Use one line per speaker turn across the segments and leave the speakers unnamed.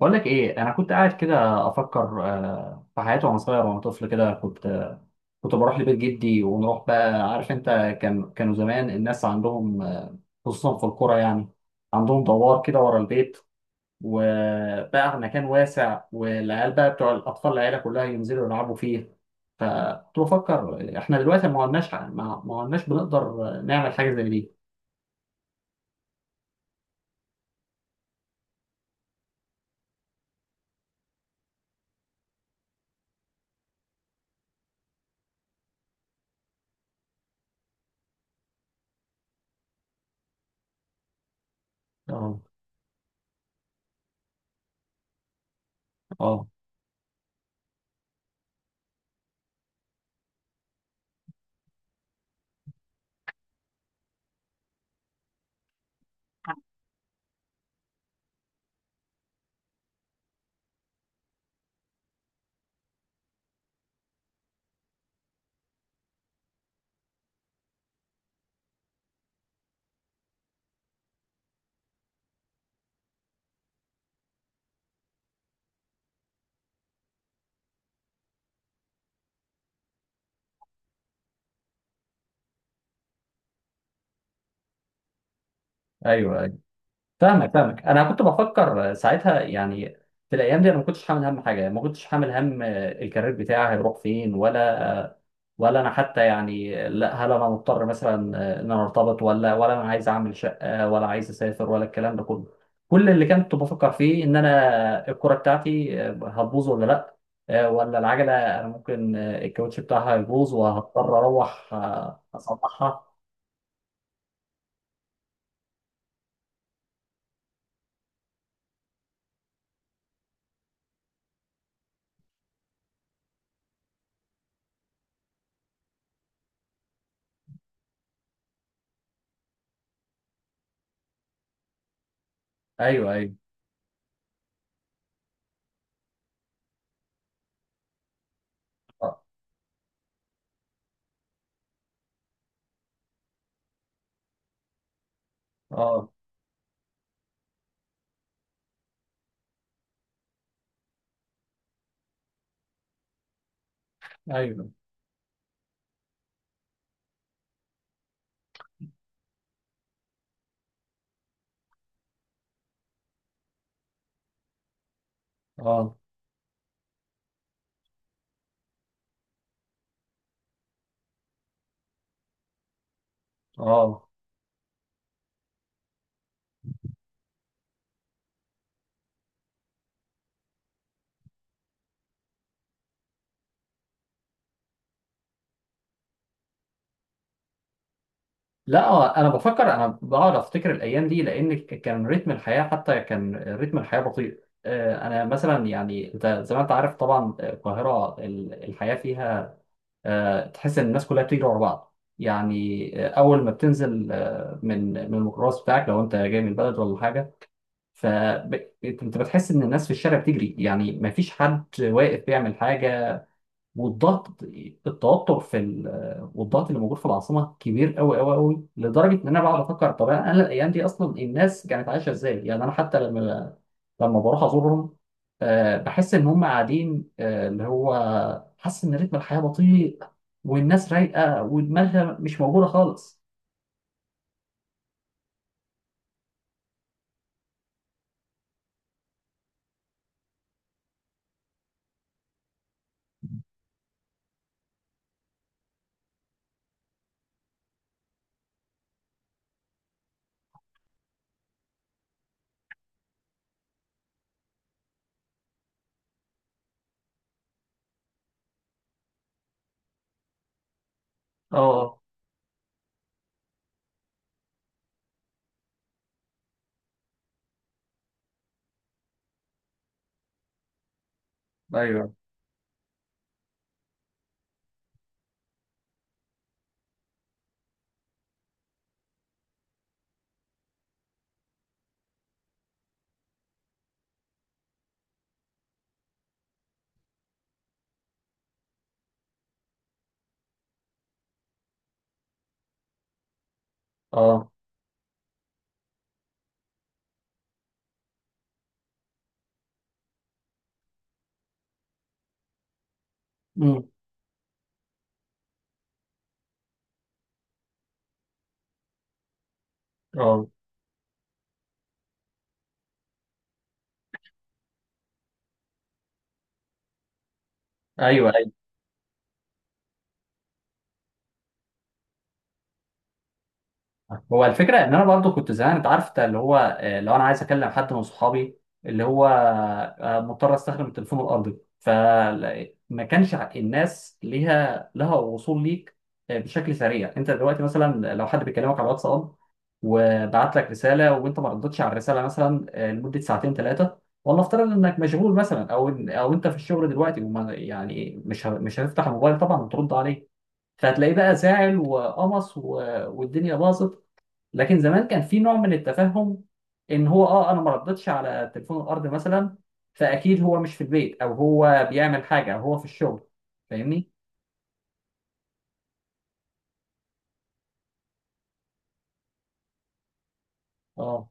بقول لك ايه، انا كنت قاعد كده افكر في حياتي وانا صغير وانا طفل كده. كنت بروح لبيت جدي ونروح، بقى عارف انت. كانوا زمان الناس عندهم خصوصا في القرى، يعني عندهم دوار كده ورا البيت وبقى مكان واسع، والعيال بقى بتوع الاطفال العيله كلها ينزلوا يلعبوا فيه. فكنت بفكر احنا دلوقتي ما عدناش بنقدر نعمل حاجه زي دي. اه، اه، ايوه. فاهمك فاهمك، انا كنت بفكر ساعتها، يعني في الايام دي انا ما كنتش حامل هم حاجه، يعني ما كنتش حامل هم الكارير بتاعي هيروح فين ولا انا حتى، يعني لا، هل انا مضطر مثلا ان انا ارتبط؟ ولا انا عايز اعمل شقه، ولا عايز اسافر، ولا الكلام ده كله. كل اللي كنت بفكر فيه ان انا الكوره بتاعتي هتبوظ ولا لا، ولا العجله انا ممكن الكاوتش بتاعها يبوظ وهضطر اروح اصلحها. ايوه، ايوه، اه، آه، ايوه، اه، اه، لا. هو انا بفكر، انا بقعد افتكر الايام دي، لان كان رتم الحياه، حتى كان رتم الحياه بطيء. انا مثلا يعني، انت زي ما انت عارف طبعا، القاهره الحياه فيها تحس ان الناس كلها بتجري ورا بعض، يعني اول ما بتنزل من الميكروباص بتاعك لو انت جاي من البلد ولا حاجه، فانت بتحس ان الناس في الشارع بتجري، يعني ما فيش حد واقف بيعمل حاجه. والضغط، التوتر في والضغط اللي موجود في العاصمه كبير قوي قوي قوي، لدرجه ان انا بقعد افكر طب انا الايام دي اصلا الناس كانت عايشه ازاي؟ يعني انا حتى لما بروح ازورهم، بحس ان هم قاعدين، اللي هو حاسس ان رتم الحياه بطيء، والناس رايقه ودماغها مش موجوده خالص. اه، ايوه، اه، امم، اه، ايوه. هو الفكرة إن أنا برضو كنت زمان، أنت عارف، أنت اللي هو، لو أنا عايز أكلم حد من صحابي، اللي هو مضطر أستخدم التليفون الأرضي. فما كانش الناس لها وصول ليك بشكل سريع. أنت دلوقتي مثلا لو حد بيكلمك على الواتساب وبعت لك رسالة وأنت ما ردتش على الرسالة مثلا لمدة ساعتين ثلاثة، والله افترض إنك مشغول مثلا، أو أنت في الشغل دلوقتي، وما يعني مش هتفتح الموبايل طبعا وترد عليه. فهتلاقيه بقى زعل وقمص والدنيا باظت. لكن زمان كان في نوع من التفهم ان هو اه انا ما ردتش على تليفون الارض مثلا، فاكيد هو مش في البيت، او هو بيعمل حاجه، او هو في الشغل. فاهمني. اه،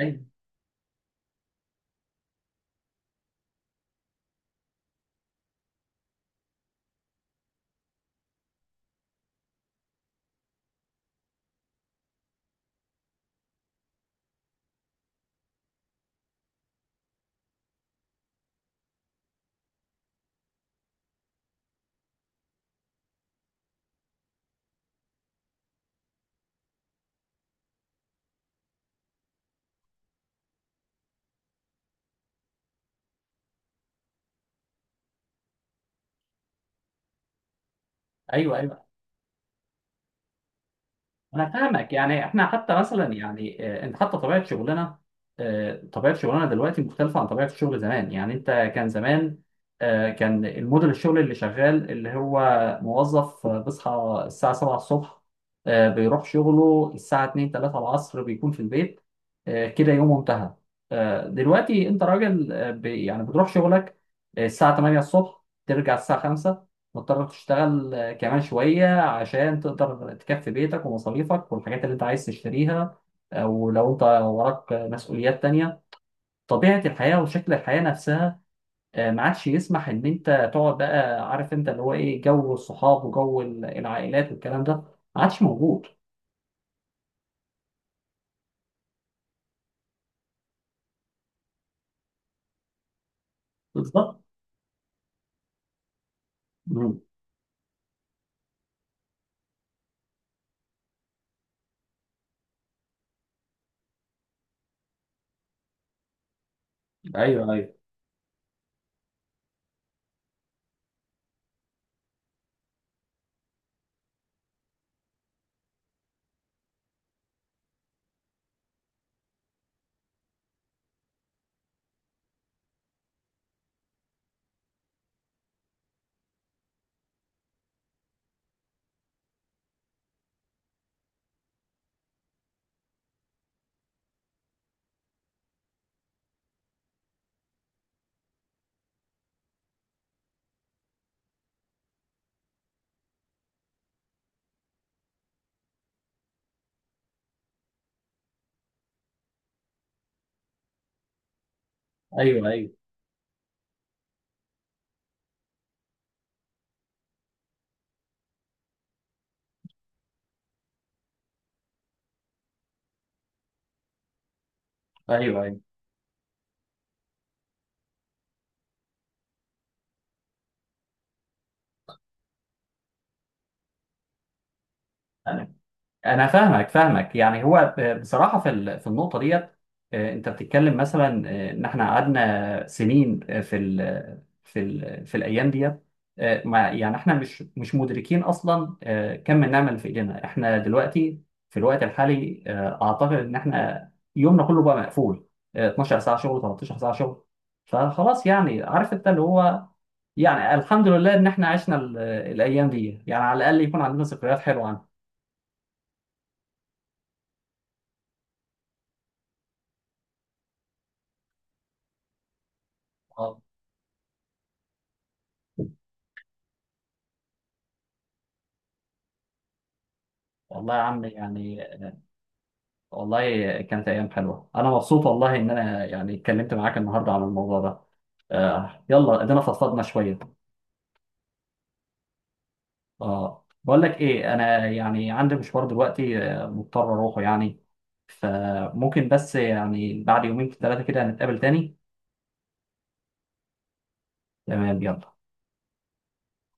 ايوه، ايوه، ايوه. انا فاهمك، يعني احنا حتى مثلا يعني، انت حتى طبيعه شغلنا، طبيعه شغلنا دلوقتي مختلفه عن طبيعه الشغل زمان، يعني انت كان زمان، كان الموديل الشغل اللي شغال اللي هو موظف، بيصحى الساعه 7 الصبح، بيروح شغله الساعه 2 3 العصر، بيكون في البيت. كده يومه انتهى. دلوقتي انت راجل، يعني بتروح شغلك الساعه 8 الصبح، ترجع الساعه 5، مضطر تشتغل كمان شوية عشان تقدر تكفي بيتك ومصاريفك والحاجات اللي انت عايز تشتريها، او لو انت وراك مسؤوليات تانية. طبيعة الحياة وشكل الحياة نفسها ما عادش يسمح ان انت تقعد، بقى عارف انت اللي هو ايه، جو الصحاب وجو العائلات والكلام ده ما عادش موجود. بالظبط. مم. ايوه، ايوه، ايوه، ايوه، ايوه، ايوه. انا فاهمك فاهمك، يعني هو بصراحه في في النقطه ديت، انت بتتكلم مثلا ان احنا قعدنا سنين في الايام ديت، ما يعني احنا مش مدركين اصلا كم النعمه اللي في ايدينا احنا دلوقتي في الوقت الحالي. اعتقد ان احنا يومنا كله بقى مقفول، 12 ساعه شغل، 13 ساعه شغل. فخلاص، يعني عارف انت اللي هو، يعني الحمد لله ان احنا عشنا الايام دي، يعني على الاقل يكون عندنا ذكريات حلوه عنها. والله يا عم، يعني والله كانت أيام حلوة. أنا مبسوط والله إن أنا يعني اتكلمت معاك النهاردة عن الموضوع ده. يلا، ادينا فضفضنا شوية. اه، بقول لك إيه، أنا يعني عندي مشوار دلوقتي مضطر أروحه يعني، فممكن بس يعني بعد يومين ثلاثة كده نتقابل تاني. تمام، يلا.